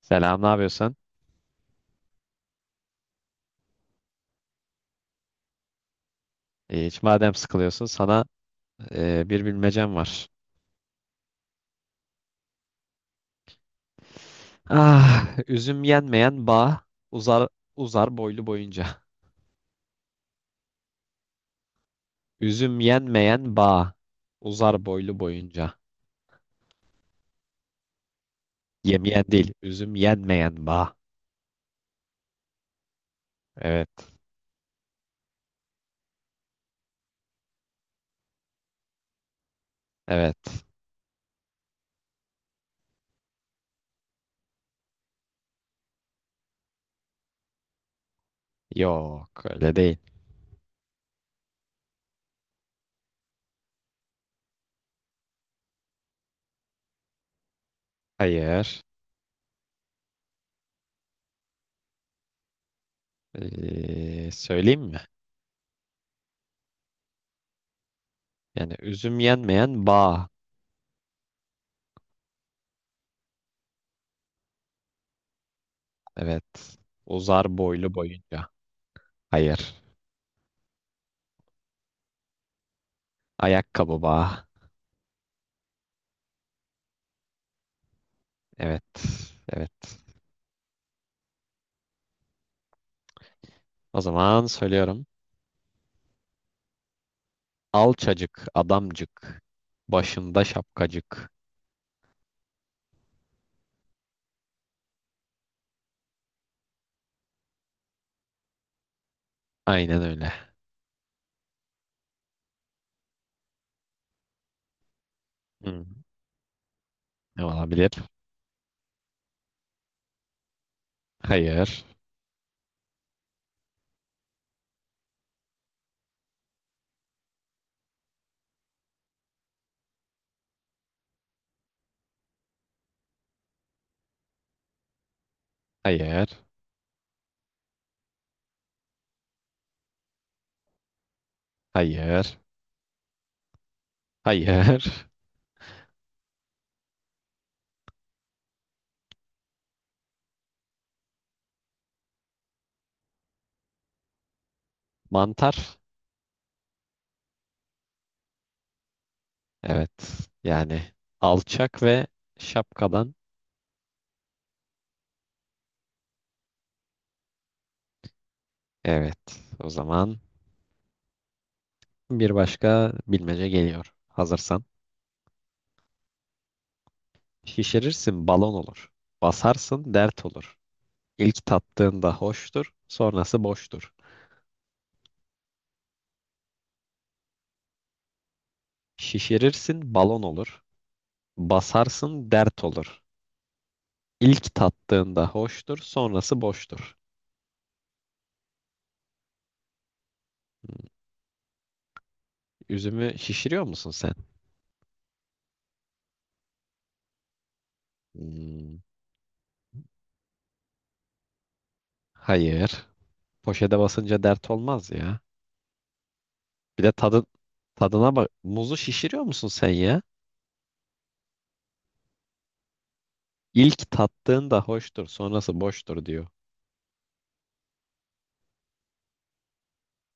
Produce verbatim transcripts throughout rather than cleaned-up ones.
Selam, ne yapıyorsun? E, Hiç madem sıkılıyorsun sana e, bir bilmecem var. Ah, üzüm yenmeyen bağ uzar uzar boylu boyunca. Üzüm yenmeyen bağ uzar boylu boyunca. Yemeyen değil, üzüm yenmeyen bağ. Evet, evet. Yok, öyle değil. Hayır. E, söyleyeyim mi? Yani üzüm yenmeyen bağ. Evet. Uzar boylu boyunca. Hayır. Ayakkabı bağ. Evet, evet. O zaman söylüyorum. Alçacık, adamcık, başında şapkacık. Aynen öyle. Hmm. Ne olabilir? Hayır, hayır, hayır, hayır. Mantar. Evet. Yani alçak ve şapkadan. Evet. O zaman bir başka bilmece geliyor. Hazırsan. Şişirirsin balon olur. Basarsın dert olur. İlk tattığında hoştur, sonrası boştur. Şişirirsin balon olur. Basarsın dert olur. İlk tattığında hoştur, sonrası boştur. Hmm. Üzümü şişiriyor musun sen? Hmm. Hayır. Poşete basınca dert olmaz ya. Bir de tadı, tadına bak. Muzu şişiriyor musun sen ya? İlk tattığında hoştur, sonrası boştur diyor.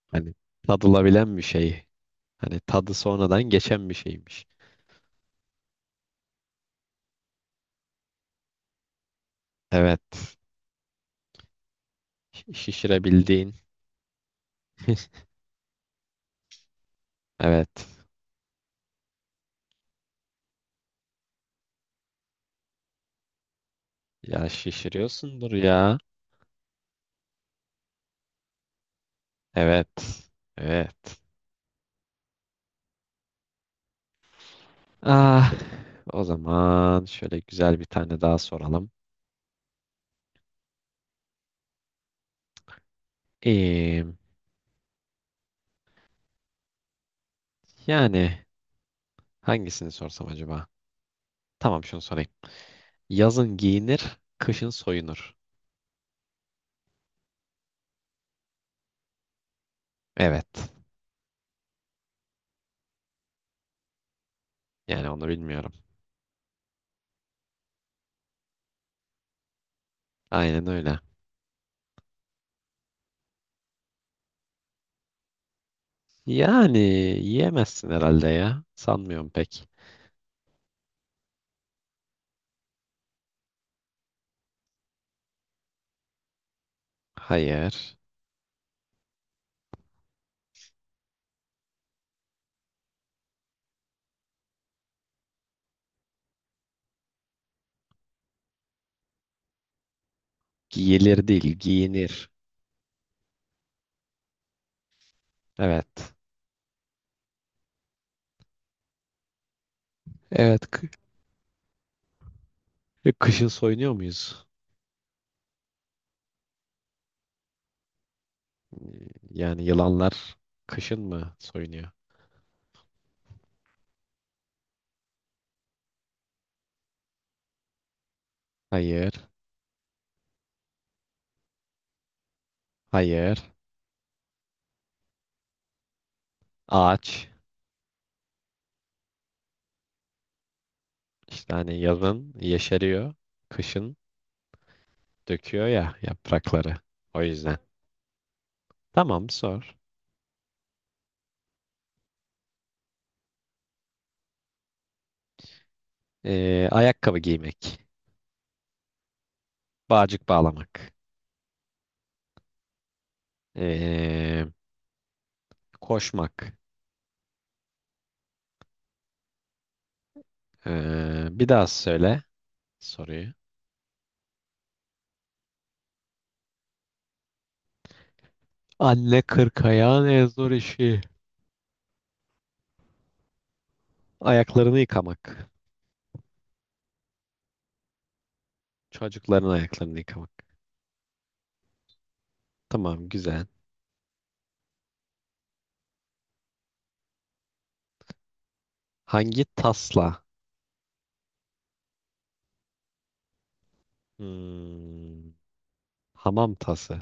Hani tadılabilen bir şey. Hani tadı sonradan geçen bir şeymiş. Evet. Şi- Şişirebildiğin. Evet. Ya şişiriyorsundur ya. Evet. Evet. Ah, O zaman şöyle güzel bir tane daha soralım. Ee, Yani hangisini sorsam acaba? Tamam, şunu sorayım. Yazın giyinir, kışın soyunur. Evet. Yani onu bilmiyorum. Aynen öyle. Yani yiyemezsin herhalde ya. Sanmıyorum pek. Hayır. Giyilir değil, giyinir. Evet. Evet. Kı- e, kışın soyunuyor muyuz? Yani yılanlar kışın mı soyunuyor? Hayır. Hayır. Ağaç işte, hani yazın yeşeriyor, kışın döküyor ya yaprakları. O yüzden. Tamam, sor. Ee, ayakkabı giymek, bağcık bağlamak, ee, koşmak. Ee, bir daha söyle soruyu. Anne kırkayan en zor işi. Ayaklarını yıkamak. Çocukların ayaklarını yıkamak. Tamam, güzel. Hangi tasla? Hmm, hamam tası.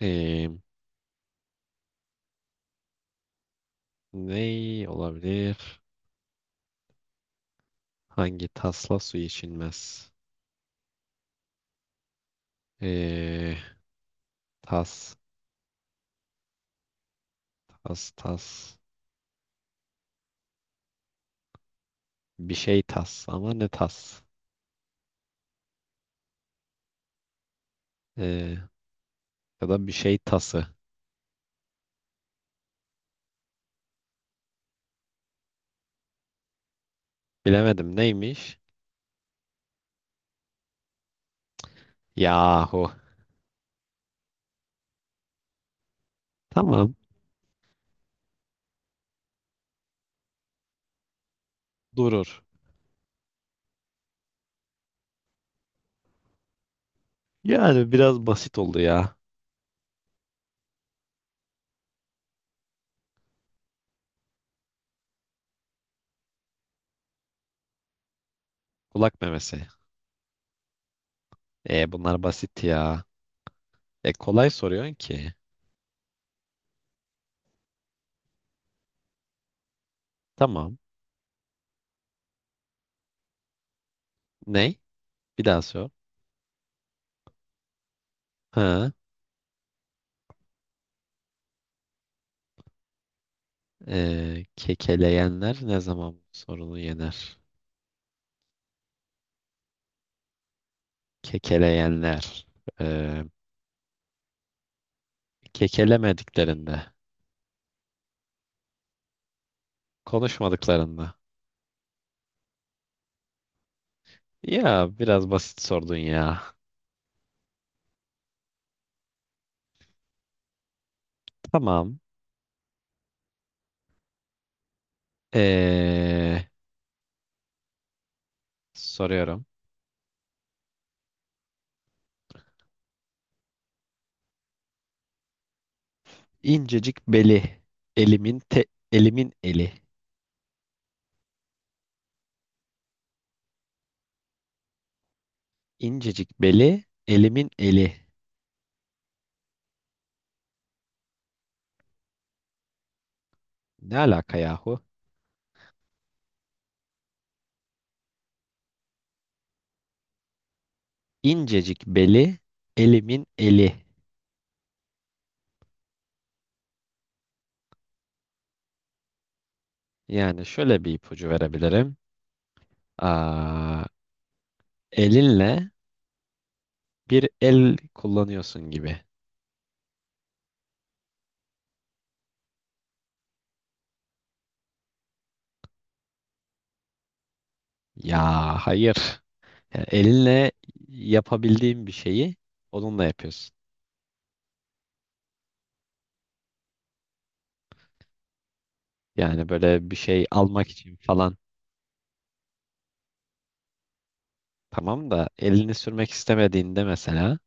Ee, Ne olabilir? Hangi tasla su içilmez? Ee, tas, tas, tas. Bir şey tas ama ne tas? Ee, Ya da bir şey tası. Bilemedim, neymiş? Yahu. Tamam. Durur. Yani biraz basit oldu ya. Kulak memesi. Ee, bunlar basit ya. E, kolay soruyorsun ki. Tamam. Ney? Bir daha sor. Ha, ee, kekeleyenler ne zaman bu sorunu yener? Kekeleyenler. Ee, Kekelemediklerinde. Konuşmadıklarında. Ya biraz basit sordun ya. Tamam. Ee, Soruyorum. İncecik beli, elimin te, elimin eli. İncecik beli, elimin eli. Ne alaka yahu? İncecik beli, elimin eli. Yani şöyle bir ipucu verebilirim. Aa, Elinle bir el kullanıyorsun gibi. Ya hayır. Yani elinle yapabildiğin bir şeyi onunla yapıyorsun. Yani böyle bir şey almak için falan, tamam da elini sürmek istemediğinde mesela,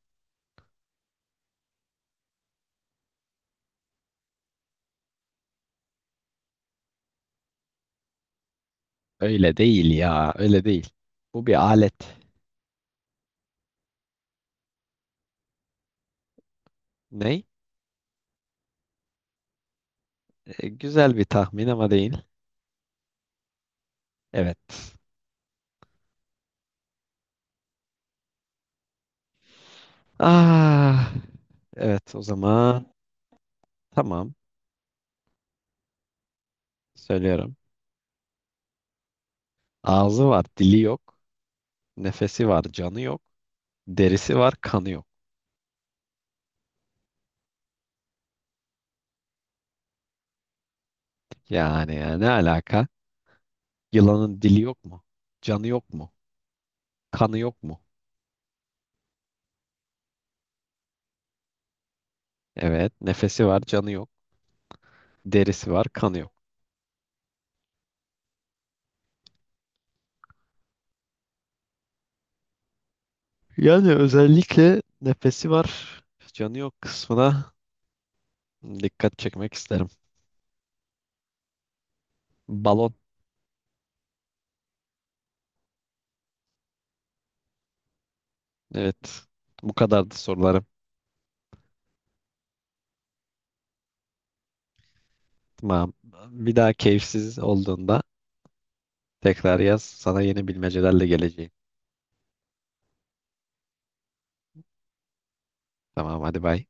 öyle değil ya, öyle değil. Bu bir alet. Ne? E, güzel bir tahmin ama değil. Evet. Ah, evet, o zaman tamam, söylüyorum. Ağzı var dili yok. Nefesi var canı yok. Derisi var kanı yok. Yani ya, ne alaka? Yılanın dili yok mu? Canı yok mu? Kanı yok mu? Evet, nefesi var canı yok. Derisi var kanı yok. Yani özellikle nefesi var, canı yok kısmına dikkat çekmek isterim. Balon, evet. Bu kadardı sorularım. Tamam. Bir daha keyifsiz olduğunda tekrar yaz. Sana yeni bilmecelerle geleceğim. Tamam, hadi bay.